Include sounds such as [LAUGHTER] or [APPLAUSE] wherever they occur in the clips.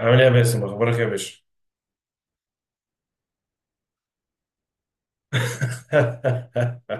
عامل ايه يا باسم، اخبارك يا باشا؟ [LAUGHS]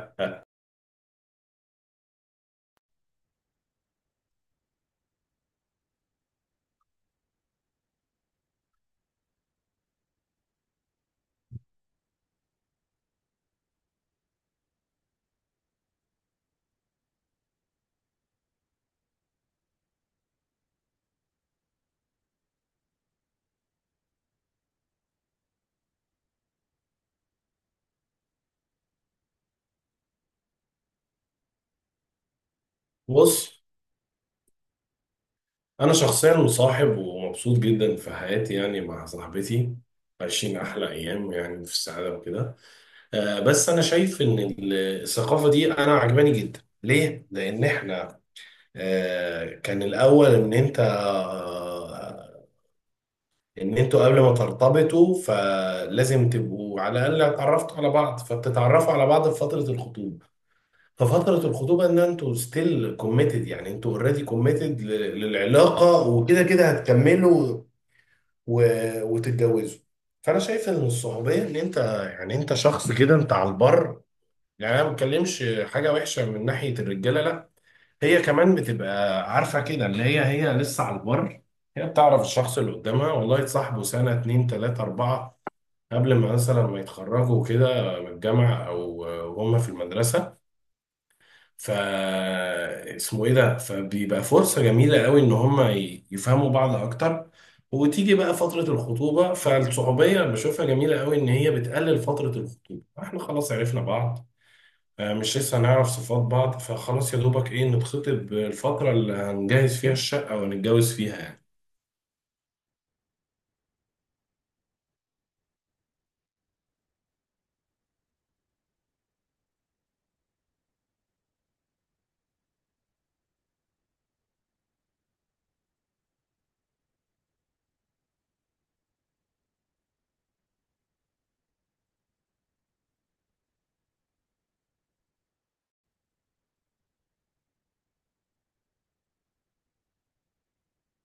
بص، انا شخصيا مصاحب ومبسوط جدا في حياتي يعني مع صاحبتي. عايشين احلى ايام يعني في السعاده وكده. بس انا شايف ان الثقافه دي انا عجباني جدا. ليه؟ لان احنا كان الاول ان انت آه، ان انتوا قبل ما ترتبطوا فلازم تبقوا على الاقل اتعرفتوا على بعض، فبتتعرفوا على بعض في فتره الخطوبه. ففترة الخطوبة ان انتوا ستيل كوميتد، يعني انتوا اوريدي كوميتد للعلاقة وكده كده هتكملوا و... وتتجوزوا. فانا شايف ان الصعوبية ان انت يعني انت شخص كده انت على البر. يعني انا ما بتكلمش حاجة وحشة من ناحية الرجالة، لا. هي كمان بتبقى عارفة كده، اللي هي هي لسه على البر. هي بتعرف الشخص اللي قدامها والله تصاحبه سنة اتنين تلاتة اربعة قبل ما مثلا ما يتخرجوا كده من الجامعة او هم في المدرسة. ف اسمه ايه ده، فبيبقى فرصة جميلة قوي ان هما يفهموا بعض اكتر. وتيجي بقى فترة الخطوبة، فالصحوبية بشوفها جميلة قوي ان هي بتقلل فترة الخطوبة. احنا خلاص عرفنا بعض، مش لسه هنعرف صفات بعض، فخلاص يا دوبك ايه نتخطب الفترة اللي هنجهز فيها الشقة ونتجوز فيها يعني.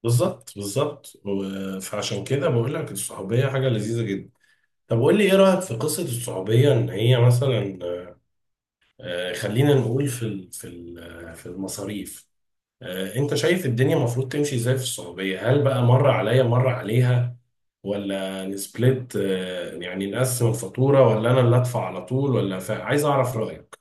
بالظبط بالظبط فعشان كده بقول لك الصحوبية حاجة لذيذة جدا. طب قول لي ايه رأيك في قصة الصحوبية ان هي مثلا خلينا نقول في في المصاريف. انت شايف الدنيا المفروض تمشي ازاي في السعودية؟ هل بقى مرة عليا مرة عليها، ولا نسبلت، يعني نقسم الفاتورة، ولا انا اللي ادفع على طول؟ ولا عايز اعرف رأيك.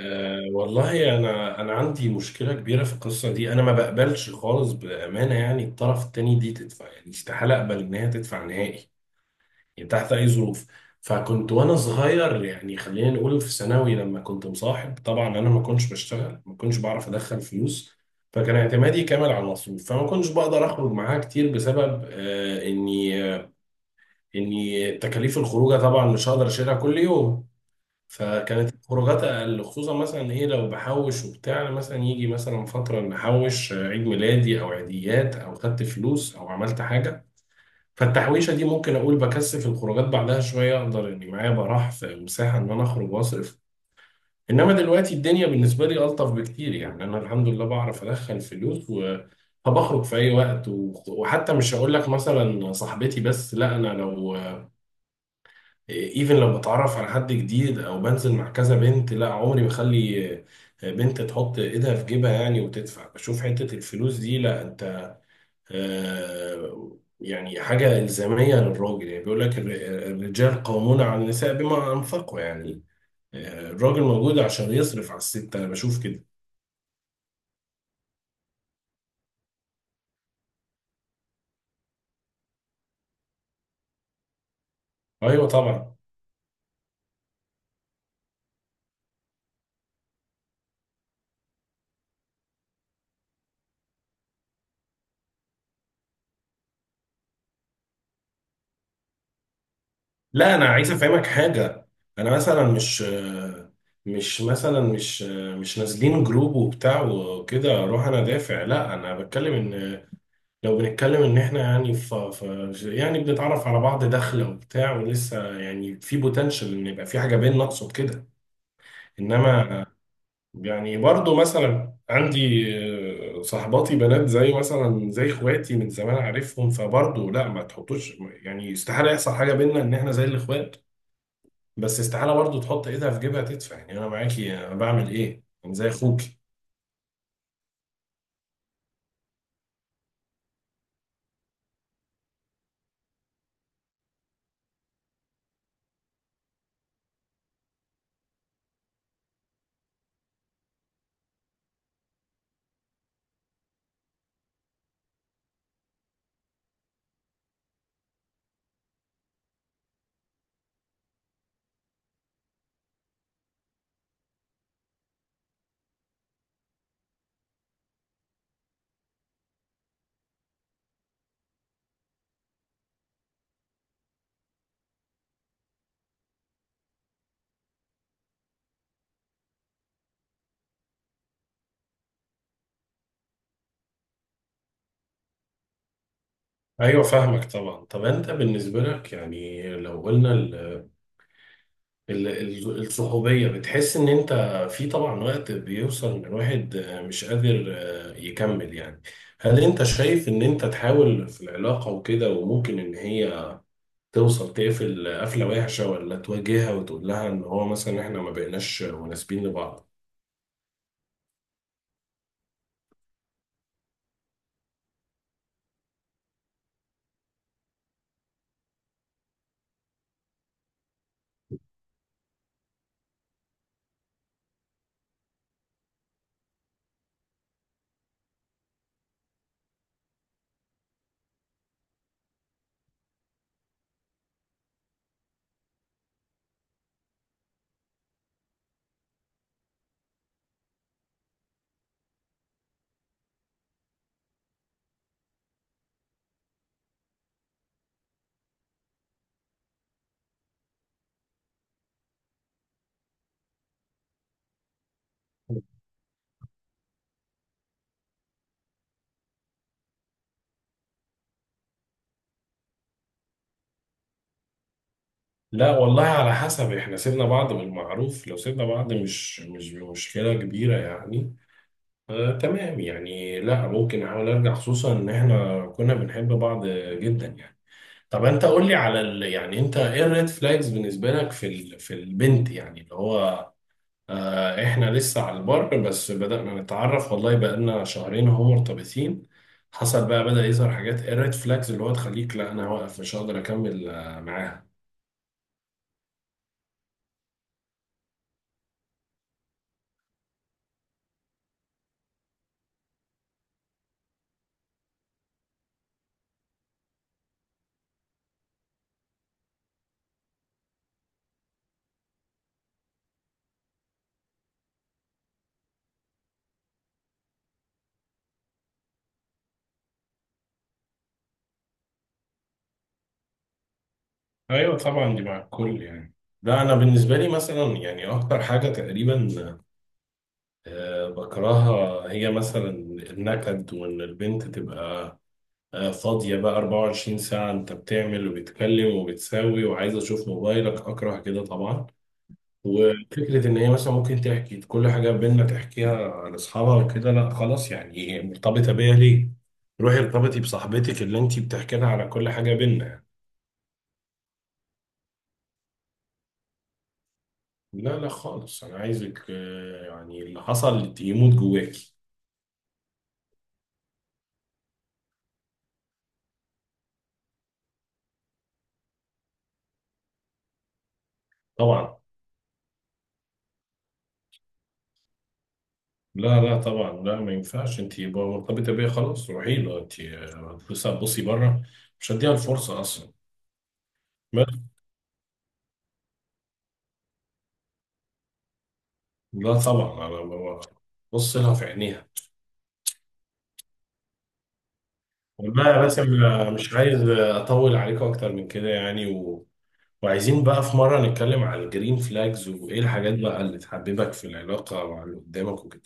أه والله، انا عندي مشكلة كبيرة في القصة دي. انا ما بقبلش خالص بأمانة، يعني الطرف التاني دي تدفع؟ يعني استحالة اقبل ان هي تدفع نهائي، يعني تحت اي ظروف. فكنت وانا صغير، يعني خلينا نقول في ثانوي، لما كنت مصاحب طبعا انا ما كنتش بشتغل، ما كنتش بعرف ادخل فلوس، فكان اعتمادي كامل على المصروف. فما كنتش بقدر اخرج معاها كتير بسبب اني اني تكاليف الخروجه طبعا مش هقدر اشيلها كل يوم. فكانت الخروجات اقل، خصوصا مثلا ايه لو بحوش وبتاع. مثلا يجي مثلا فتره نحوش، عيد ميلادي او عيديات او خدت فلوس او عملت حاجه، فالتحويشة دي ممكن أقول بكثف الخروجات بعدها شوية، أقدر إني معايا براح في مساحة إن أنا أخرج وأصرف. إنما دلوقتي الدنيا بالنسبة لي ألطف بكتير، يعني أنا الحمد لله بعرف أدخل فلوس و فبخرج في أي وقت. وحتى مش هقول لك مثلا صاحبتي بس، لا أنا لو إيفن لو بتعرف على حد جديد أو بنزل مع كذا بنت، لا عمري بخلي بنت تحط إيدها في جيبها يعني وتدفع. بشوف حتة الفلوس دي لا انت يعني حاجة إلزامية للراجل. يعني بيقول لك الرجال قوامون على النساء بما أنفقوا، يعني الراجل موجود عشان يصرف على الست. أنا بشوف كده. أيوه طبعا. لا أنا عايز أفهمك حاجة. أنا مثلا مش نازلين جروب وبتاع وكده أروح أنا دافع، لا. أنا بتكلم إن لو بنتكلم إن إحنا يعني يعني بنتعرف على بعض داخلة وبتاع ولسه يعني في بوتنشال إن يبقى في حاجة بيننا، أقصد كده. انما يعني برضو مثلا عندي صاحباتي بنات زي مثلا زي اخواتي، من زمان عارفهم، فبرضو لا ما تحطوش يعني استحالة يحصل حاجة بينا، ان احنا زي الاخوات. بس استحالة برضو تحط ايدها في جيبها تدفع، يعني انا معاكي، انا بعمل ايه، انا زي اخوك. ايوه فاهمك طبعا. طب انت بالنسبة لك يعني لو قلنا الصحوبية، بتحس إن أنت في طبعا وقت بيوصل إن الواحد مش قادر يكمل يعني، هل أنت شايف إن أنت تحاول في العلاقة وكده وممكن إن هي توصل تقفل قفلة وحشة، ولا تواجهها وتقول لها إن هو مثلا إحنا ما بقيناش مناسبين لبعض؟ لا والله، على حسب. إحنا سيبنا بعض بالمعروف، لو سيبنا بعض مش مشكلة كبيرة يعني. آه تمام يعني، لا ممكن أحاول أرجع، خصوصا إن إحنا كنا بنحب بعض جدا يعني. طب انت قول لي على يعني انت ايه الريد فلاجز بالنسبه لك في في البنت، يعني اللي هو آه احنا لسه على البر بس بدأنا نتعرف، والله بقالنا شهرين اهو مرتبطين، حصل بقى بدأ يظهر حاجات. ايه الريد فلاجز اللي هو تخليك لا انا واقف مش هقدر اكمل آه معاها؟ ايوه طبعا دي مع الكل يعني. لا انا بالنسبه لي مثلا يعني اكتر حاجه تقريبا بكرهها هي مثلا النكد، وان البنت تبقى فاضية بقى 24 ساعة أنت بتعمل وبتكلم وبتساوي وعايز أشوف موبايلك. أكره كده طبعا. وفكرة إن هي مثلا ممكن تحكي كل حاجة بينا تحكيها لأصحابها وكده، لا خلاص يعني. مرتبطة بيا ليه؟ روحي ارتبطي بصاحبتك اللي أنت بتحكي لها على كل حاجة بينا. لا لا خالص، أنا عايزك يعني اللي حصل يموت جواكي. طبعا. لا لا طبعا لا، ما ينفعش. أنت يبقى مرتبطة بيا خلاص روحي له أنت؟ بصي بره، مش هديها الفرصة أصلا. لا طبعا انا ببص لها في عينيها. والله يا باسم، [LAUGHS] مش عايز اطول عليكم اكتر من كده يعني. وعايزين بقى في مره نتكلم عن الجرين فلاجز وايه الحاجات بقى اللي تحببك في العلاقه مع اللي قدامك وكده.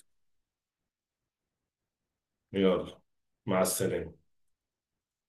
يلا. مع السلامه.